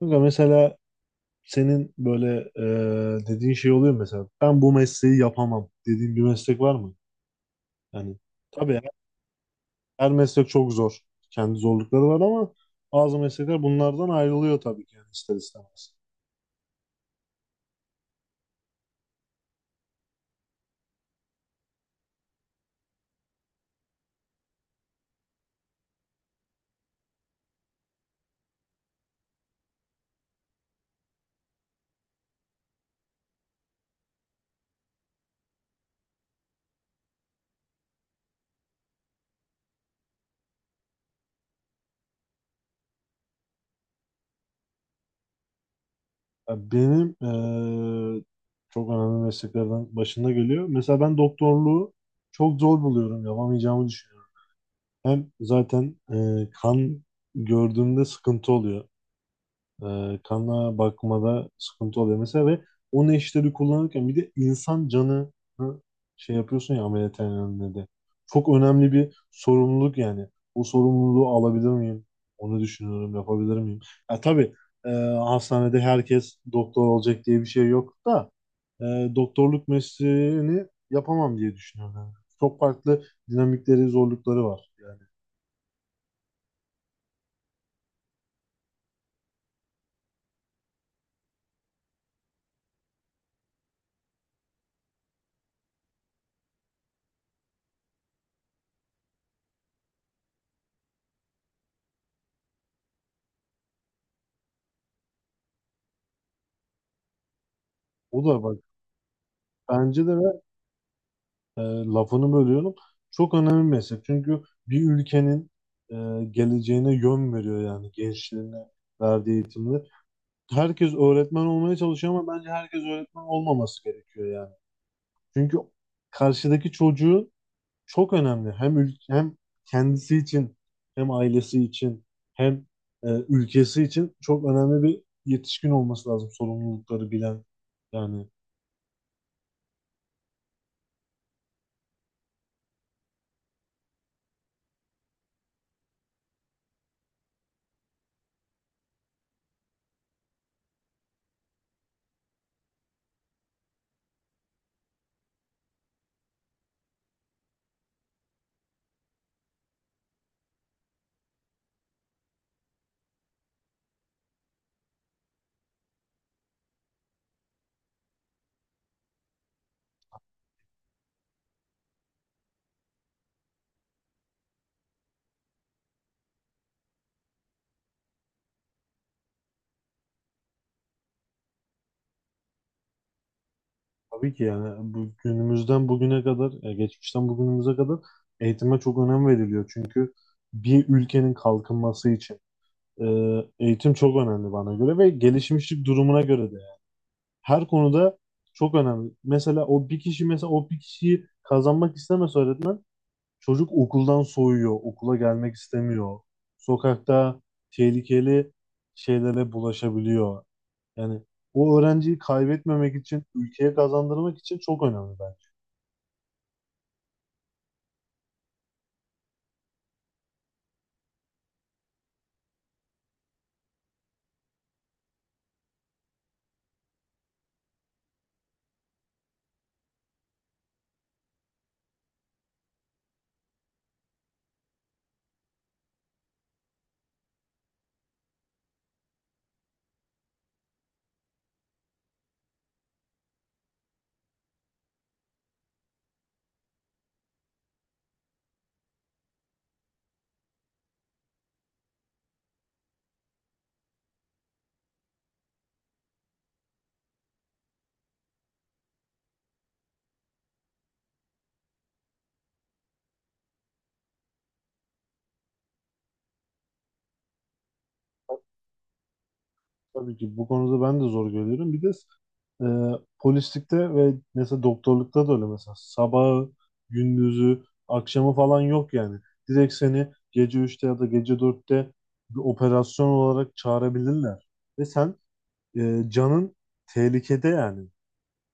Kanka mesela senin böyle dediğin şey oluyor mu mesela ben bu mesleği yapamam dediğin bir meslek var mı? Yani tabii her meslek çok zor. Kendi zorlukları var ama bazı meslekler bunlardan ayrılıyor tabii ki yani ister istemez. Ya benim e, çok önemli mesleklerden başında geliyor. Mesela ben doktorluğu çok zor buluyorum. Yapamayacağımı düşünüyorum. Hem zaten kan gördüğümde sıkıntı oluyor. Kana bakmada sıkıntı oluyor mesela ve o neşteri kullanırken bir de insan canı şey yapıyorsun ya ameliyathanede de. Çok önemli bir sorumluluk yani. O sorumluluğu alabilir miyim? Onu düşünüyorum, yapabilir miyim? Ya tabii e, hastanede herkes doktor olacak diye bir şey yok da e, doktorluk mesleğini yapamam diye düşünüyorum. Yani. Çok farklı dinamikleri, zorlukları var. Yani o da bak bence de lafını bölüyorum. Çok önemli bir meslek. Çünkü bir ülkenin e, geleceğine yön veriyor yani gençliğine verdiği eğitimler. Herkes öğretmen olmaya çalışıyor ama bence herkes öğretmen olmaması gerekiyor yani. Çünkü karşıdaki çocuğu çok önemli. Hem ül- hem kendisi için hem ailesi için hem ülkesi için çok önemli bir yetişkin olması lazım sorumlulukları bilen yani. Tabii ki yani bu günümüzden bugüne kadar, geçmişten bugünümüze kadar eğitime çok önem veriliyor. Çünkü bir ülkenin kalkınması için e, eğitim çok önemli bana göre ve gelişmişlik durumuna göre de. Her konuda çok önemli. Mesela o bir kişi mesela o bir kişiyi kazanmak istemez öğretmen, çocuk okuldan soğuyor, okula gelmek istemiyor. Sokakta tehlikeli şeylere bulaşabiliyor. Yani o öğrenciyi kaybetmemek için, ülkeye kazandırmak için çok önemli bence. Tabii ki bu konuda ben de zor görüyorum. Bir de e, polislikte ve mesela doktorlukta da öyle mesela sabahı, gündüzü, akşamı falan yok yani. Direkt seni gece 3'te ya da gece 4'te bir operasyon olarak çağırabilirler. Ve sen canın tehlikede yani.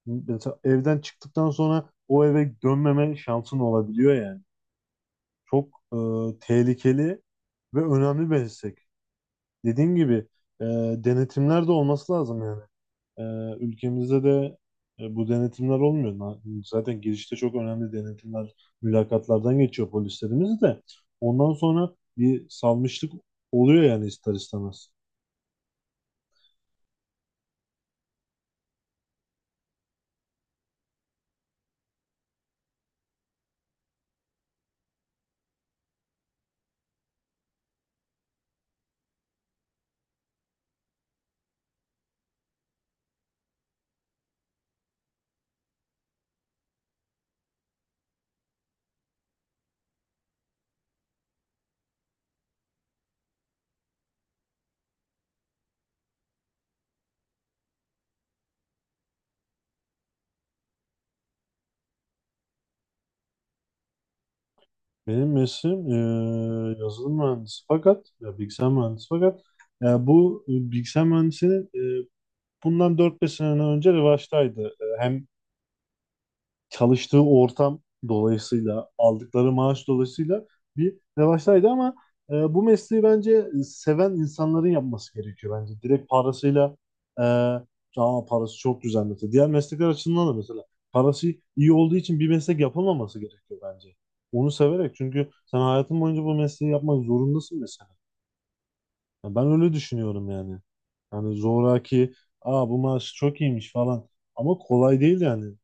Mesela evden çıktıktan sonra o eve dönmeme şansın olabiliyor yani. Çok tehlikeli ve önemli bir meslek, dediğim gibi e, denetimler de olması lazım yani. E, Ülkemizde de bu denetimler olmuyor. Zaten girişte çok önemli denetimler, mülakatlardan geçiyor polislerimiz de. Ondan sonra bir salmışlık oluyor yani ister istemez. Benim mesleğim yazılım mühendisi fakat ya bilgisayar mühendisi fakat ya bu bilgisayar mühendisinin e, bundan 4 5 sene önce revaçtaydı. E, hem çalıştığı ortam dolayısıyla aldıkları maaş dolayısıyla bir revaçtaydı ama bu mesleği bence seven insanların yapması gerekiyor bence. Direkt parasıyla e, "Aa, parası çok güzel mesela. Diğer meslekler açısından da mesela parası iyi olduğu için bir meslek yapılmaması gerekiyor bence. Onu severek, çünkü sen hayatın boyunca bu mesleği yapmak zorundasın mesela. Ya ben öyle düşünüyorum yani. Yani zoraki, aa bu maaş çok iyiymiş falan. Ama kolay değil yani.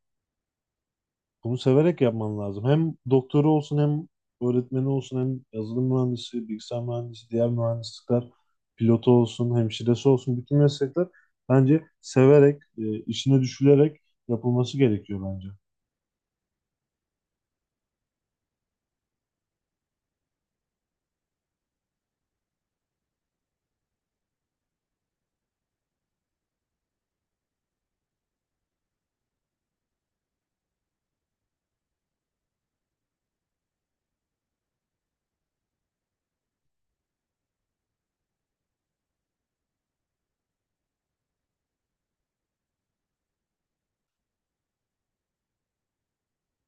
Bunu severek yapman lazım. Hem doktoru olsun hem öğretmeni olsun hem yazılım mühendisi, bilgisayar mühendisi, diğer mühendislikler, pilotu olsun, hemşiresi olsun bütün meslekler bence severek, işine düşülerek yapılması gerekiyor bence.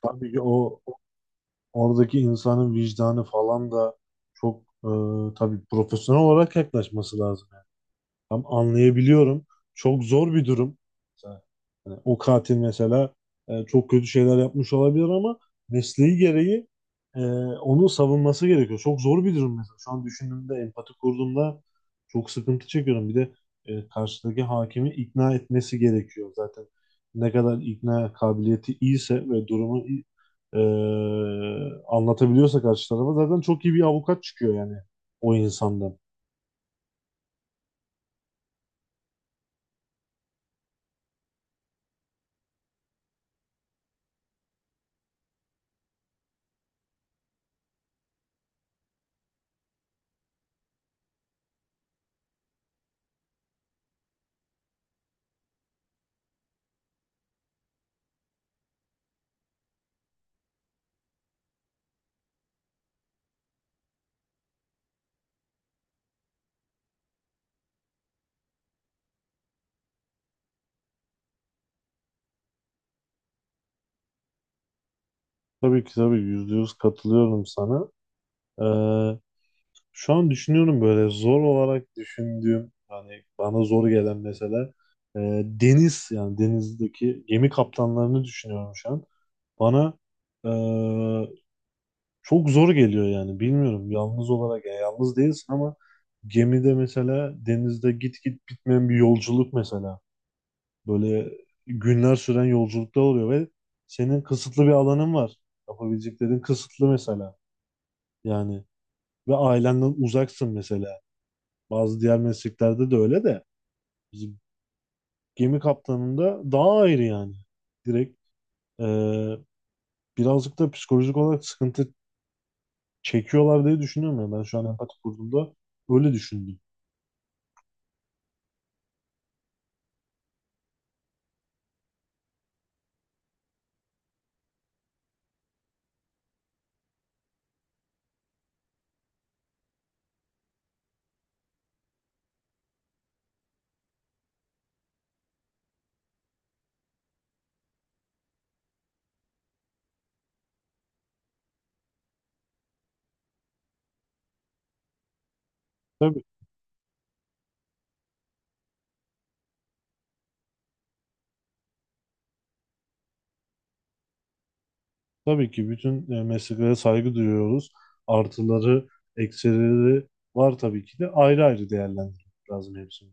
Tabii ki o oradaki insanın vicdanı falan da çok tabii profesyonel olarak yaklaşması lazım. Tam anlayabiliyorum. Çok zor bir durum. Hani o katil mesela çok kötü şeyler yapmış olabilir ama mesleği gereği e, onu savunması gerekiyor. Çok zor bir durum mesela. Şu an düşündüğümde, empati kurduğumda çok sıkıntı çekiyorum. Bir de karşıdaki hakimi ikna etmesi gerekiyor zaten. Ne kadar ikna kabiliyeti iyiyse ve durumu iyi- e, anlatabiliyorsa karşı tarafa zaten çok iyi bir avukat çıkıyor yani o insandan. Tabii ki tabii, %100 katılıyorum sana. E, Şu an düşünüyorum böyle zor olarak düşündüğüm hani bana zor gelen mesela deniz yani denizdeki gemi kaptanlarını düşünüyorum şu an. Bana e, çok zor geliyor yani bilmiyorum yalnız olarak ya yalnız değilsin ama gemide mesela denizde git git bitmeyen bir yolculuk mesela böyle günler süren yolculukta oluyor ve senin kısıtlı bir alanın var, yapabileceklerin kısıtlı mesela yani ve ailenden uzaksın mesela. Bazı diğer mesleklerde de öyle de bizim gemi kaptanında daha ayrı yani. Direkt e, birazcık da psikolojik olarak sıkıntı çekiyorlar diye düşünüyorum ya. Ben şu an empati kurduğumda öyle düşündüm. Tabii, tabii ki bütün mesleklere saygı duyuyoruz. Artıları, eksileri var tabii ki de ayrı ayrı değerlendirmek lazım hepsini.